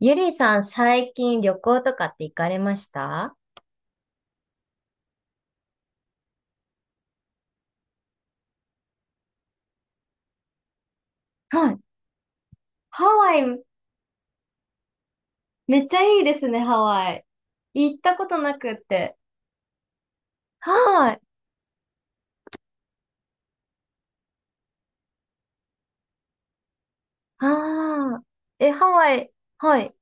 ゆりさん、最近旅行とかって行かれました？はい。ハワイ、めっちゃいいですね、ハワイ。行ったことなくって。はい。ああ。え、ハワイ、はい。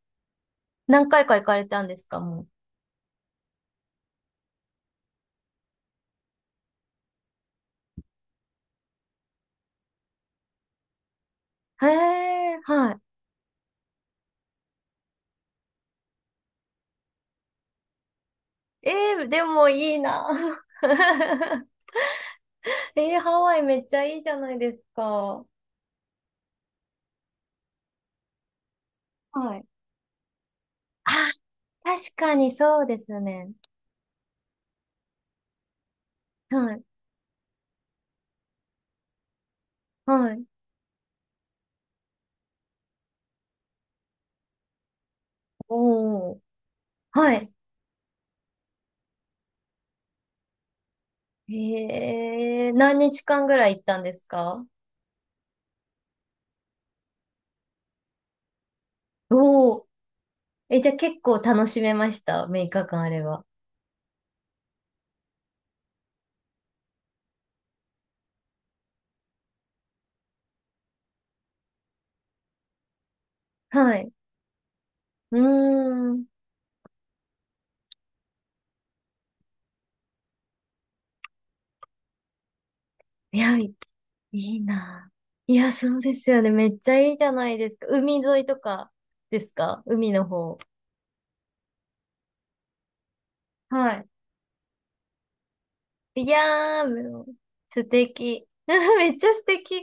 何回か行かれたんですか、もう。へえ、はい。えー、でもいいな。えー、ハワイめっちゃいいじゃないですか。はい。あ、確かにそうですね。はい。はい。おー。はい。へえ、何日間ぐらい行ったんですか？おおー。え、じゃあ結構楽しめました。6か間あれば。はい。うーん。いや、いいな。いや、そうですよね。めっちゃいいじゃないですか。海沿いとかですか、海の方。はい。いやー、もう素敵。めっちゃ素敵。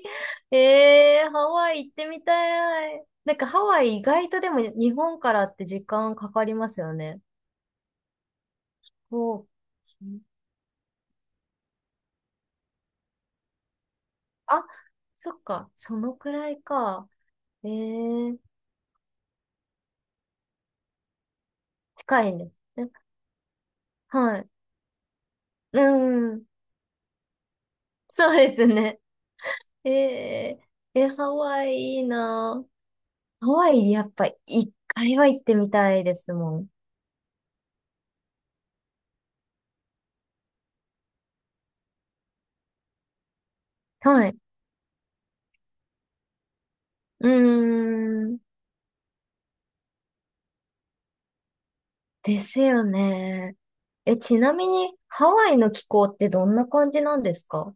ええ、ハワイ行ってみたい。なんかハワイ意外とでも日本からって時間かかりますよね。そう。あ、そっか、そのくらいか。ええ、近いんですね。はい。うん、そうですね。ええ、えハワイいいな。ハワイやっぱ一回は行ってみたいですもん。はい。うーん、ですよね。え、ちなみにハワイの気候ってどんな感じなんですか？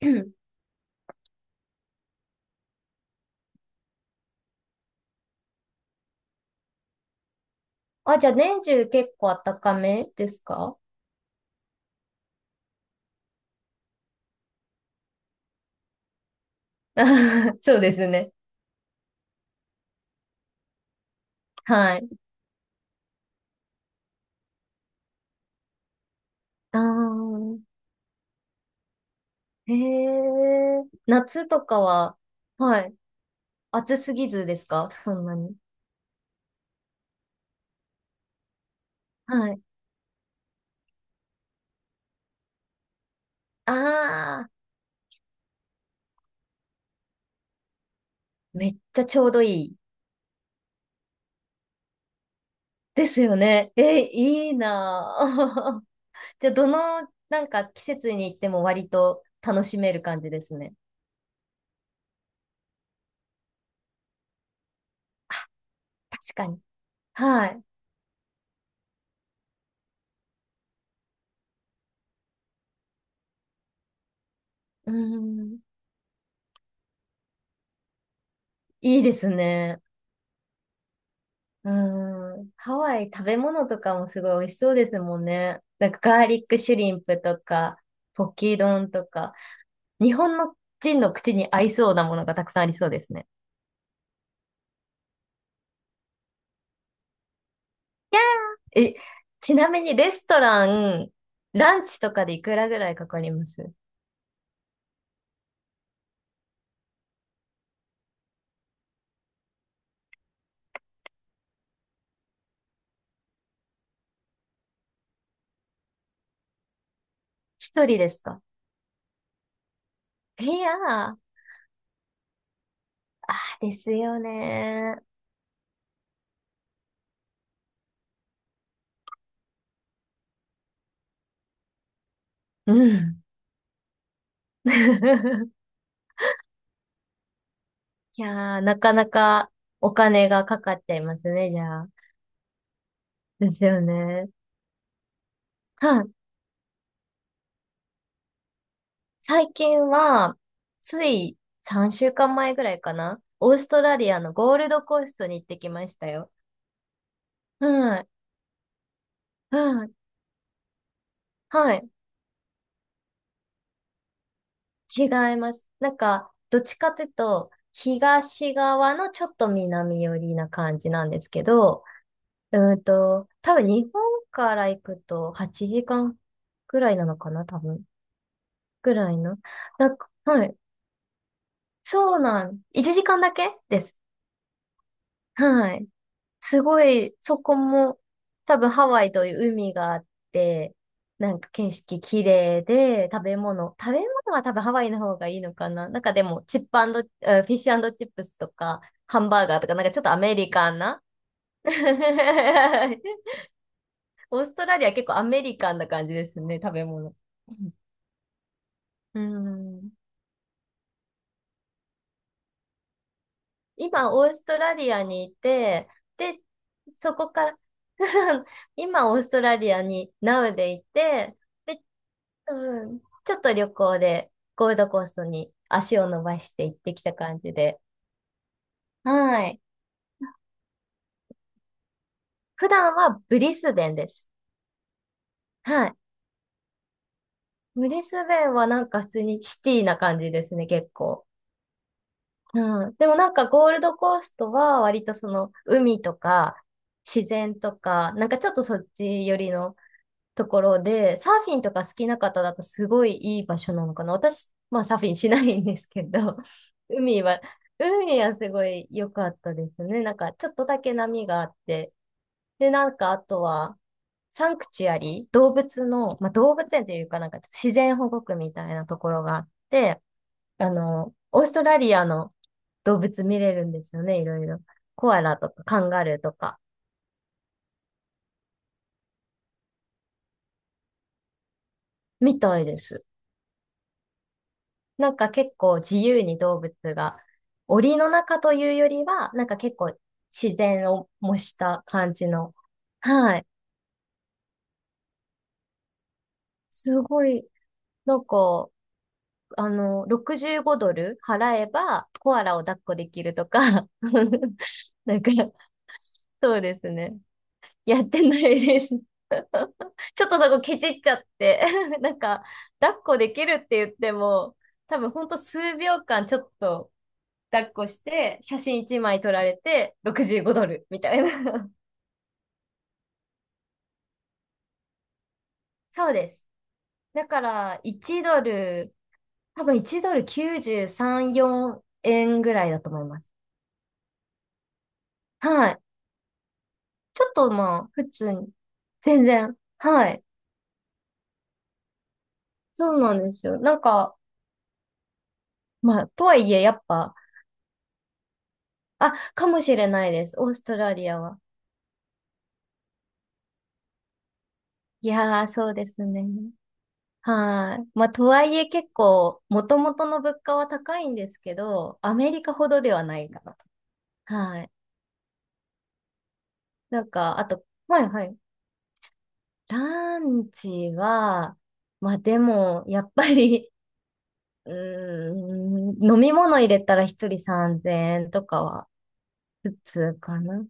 うん。 あ、じゃあ年中結構暖かめですか？ そうですね。はい。あー。へえ、夏とかは、はい。暑すぎずですか、そんなに。はい。ああ、めっちゃちょうどいい。ですよね。え、いいなぁ。じゃあ、どの、なんか季節に行っても割と楽しめる感じですね。確かに。はい。うん。いいですね。うん。ハワイ食べ物とかもすごい美味しそうですもんね。なんかガーリックシュリンプとか、ポキ丼とか。日本の人の口に合いそうなものがたくさんありそうですね。え、ちなみにレストラン、ランチとかでいくらぐらいかかります？一人ですか？いやー、ですよねー。うん。いやー、なかなかお金がかかっちゃいますね、じゃあ。ですよね。はい。最近は、つい3週間前ぐらいかな。オーストラリアのゴールドコーストに行ってきましたよ。はい。はい。はい。違います。なんか、どっちかというと、東側のちょっと南寄りな感じなんですけど、うーんと、多分日本から行くと8時間ぐらいなのかな、多分。ぐらいの。なんか、はい。そうなん。1時間だけです。はい。すごい、そこも、多分ハワイという海があって、なんか景色綺麗で、食べ物、食べ物は多分ハワイの方がいいのかな。なんかでも、チップアンド、えーフィッシュチップスとか、ハンバーガーとか、なんかちょっとアメリカンな。オーストラリア結構アメリカンな感じですね、食べ物。うん。今、オーストラリアにいて、で、そこから 今、オーストラリアに Now でいて、で、うん。ちょっと旅行でゴールドコーストに足を伸ばして行ってきた感じで。はい。普段はブリスベンです。はい。ブリスベンはなんか普通にシティな感じですね、結構。うん。でもなんかゴールドコーストは割とその海とか自然とか、なんかちょっとそっち寄りのところで、サーフィンとか好きな方だとすごいいい場所なのかな。私、まあサーフィンしないんですけど、海は、海はすごい良かったですね。なんかちょっとだけ波があって、で、なんかあとは、サンクチュアリ、動物の、まあ、動物園というか、なんかちょっと自然保護区みたいなところがあって、あの、オーストラリアの動物見れるんですよね、いろいろ。コアラとかカンガルーとか、みたいです。なんか結構自由に動物が、檻の中というよりは、なんか結構自然を模した感じの。はい。すごい、なんか、あの、65ドル払えばコアラを抱っこできるとか、なんか、そうですね。やってないです。ちょっとそこケチっちゃって なんか、抱っこできるって言っても、多分ほんと数秒間ちょっと抱っこして、写真1枚撮られて、65ドルみたいな。 そうです。だから、1ドル、多分1ドル93、4円ぐらいだと思います。はい。ちょっとまあ、普通に。全然。はい。そうなんですよ。なんか、まあ、とはいえ、やっぱ、あ、かもしれないです。オーストラリアは。いやー、そうですね。はい。まあ、とはいえ結構、もともとの物価は高いんですけど、アメリカほどではないかな。はい。なんか、あと、はいはい。ランチは、まあでも、やっぱり、うーん、飲み物入れたら一人3000円とかは普通かな。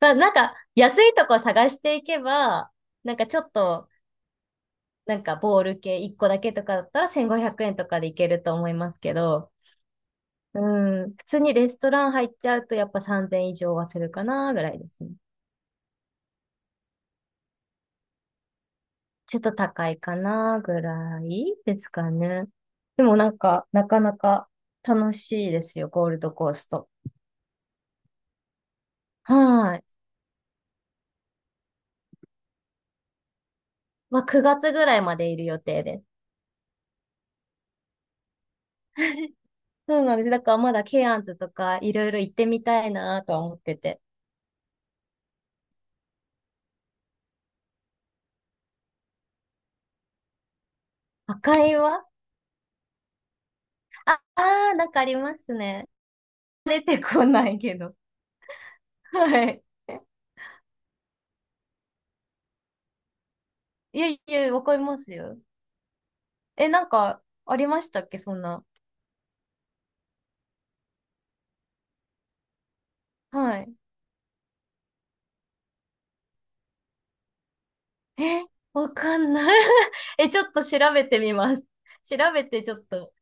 まあなんか、安いとこ探していけば、なんかちょっと、なんかボール系1個だけとかだったら1500円とかでいけると思いますけど、うん、普通にレストラン入っちゃうとやっぱ3000以上はするかな、ぐらいですね。ちょっと高いかなぐらいですかね。でもなんか、なかなか楽しいですよ、ゴールドコースト。はい。まあ、9月ぐらいまでいる予定です。そうなんです。だからまだケアンズとかいろいろ行ってみたいなとは思ってて。赤いは、ああー、なんかありますね。出てこないけど。はい。いやいや、わかりますよ。え、なんかありましたっけ、そんな。はい。え、わかんない。 え、ちょっと調べてみます。調べてちょっと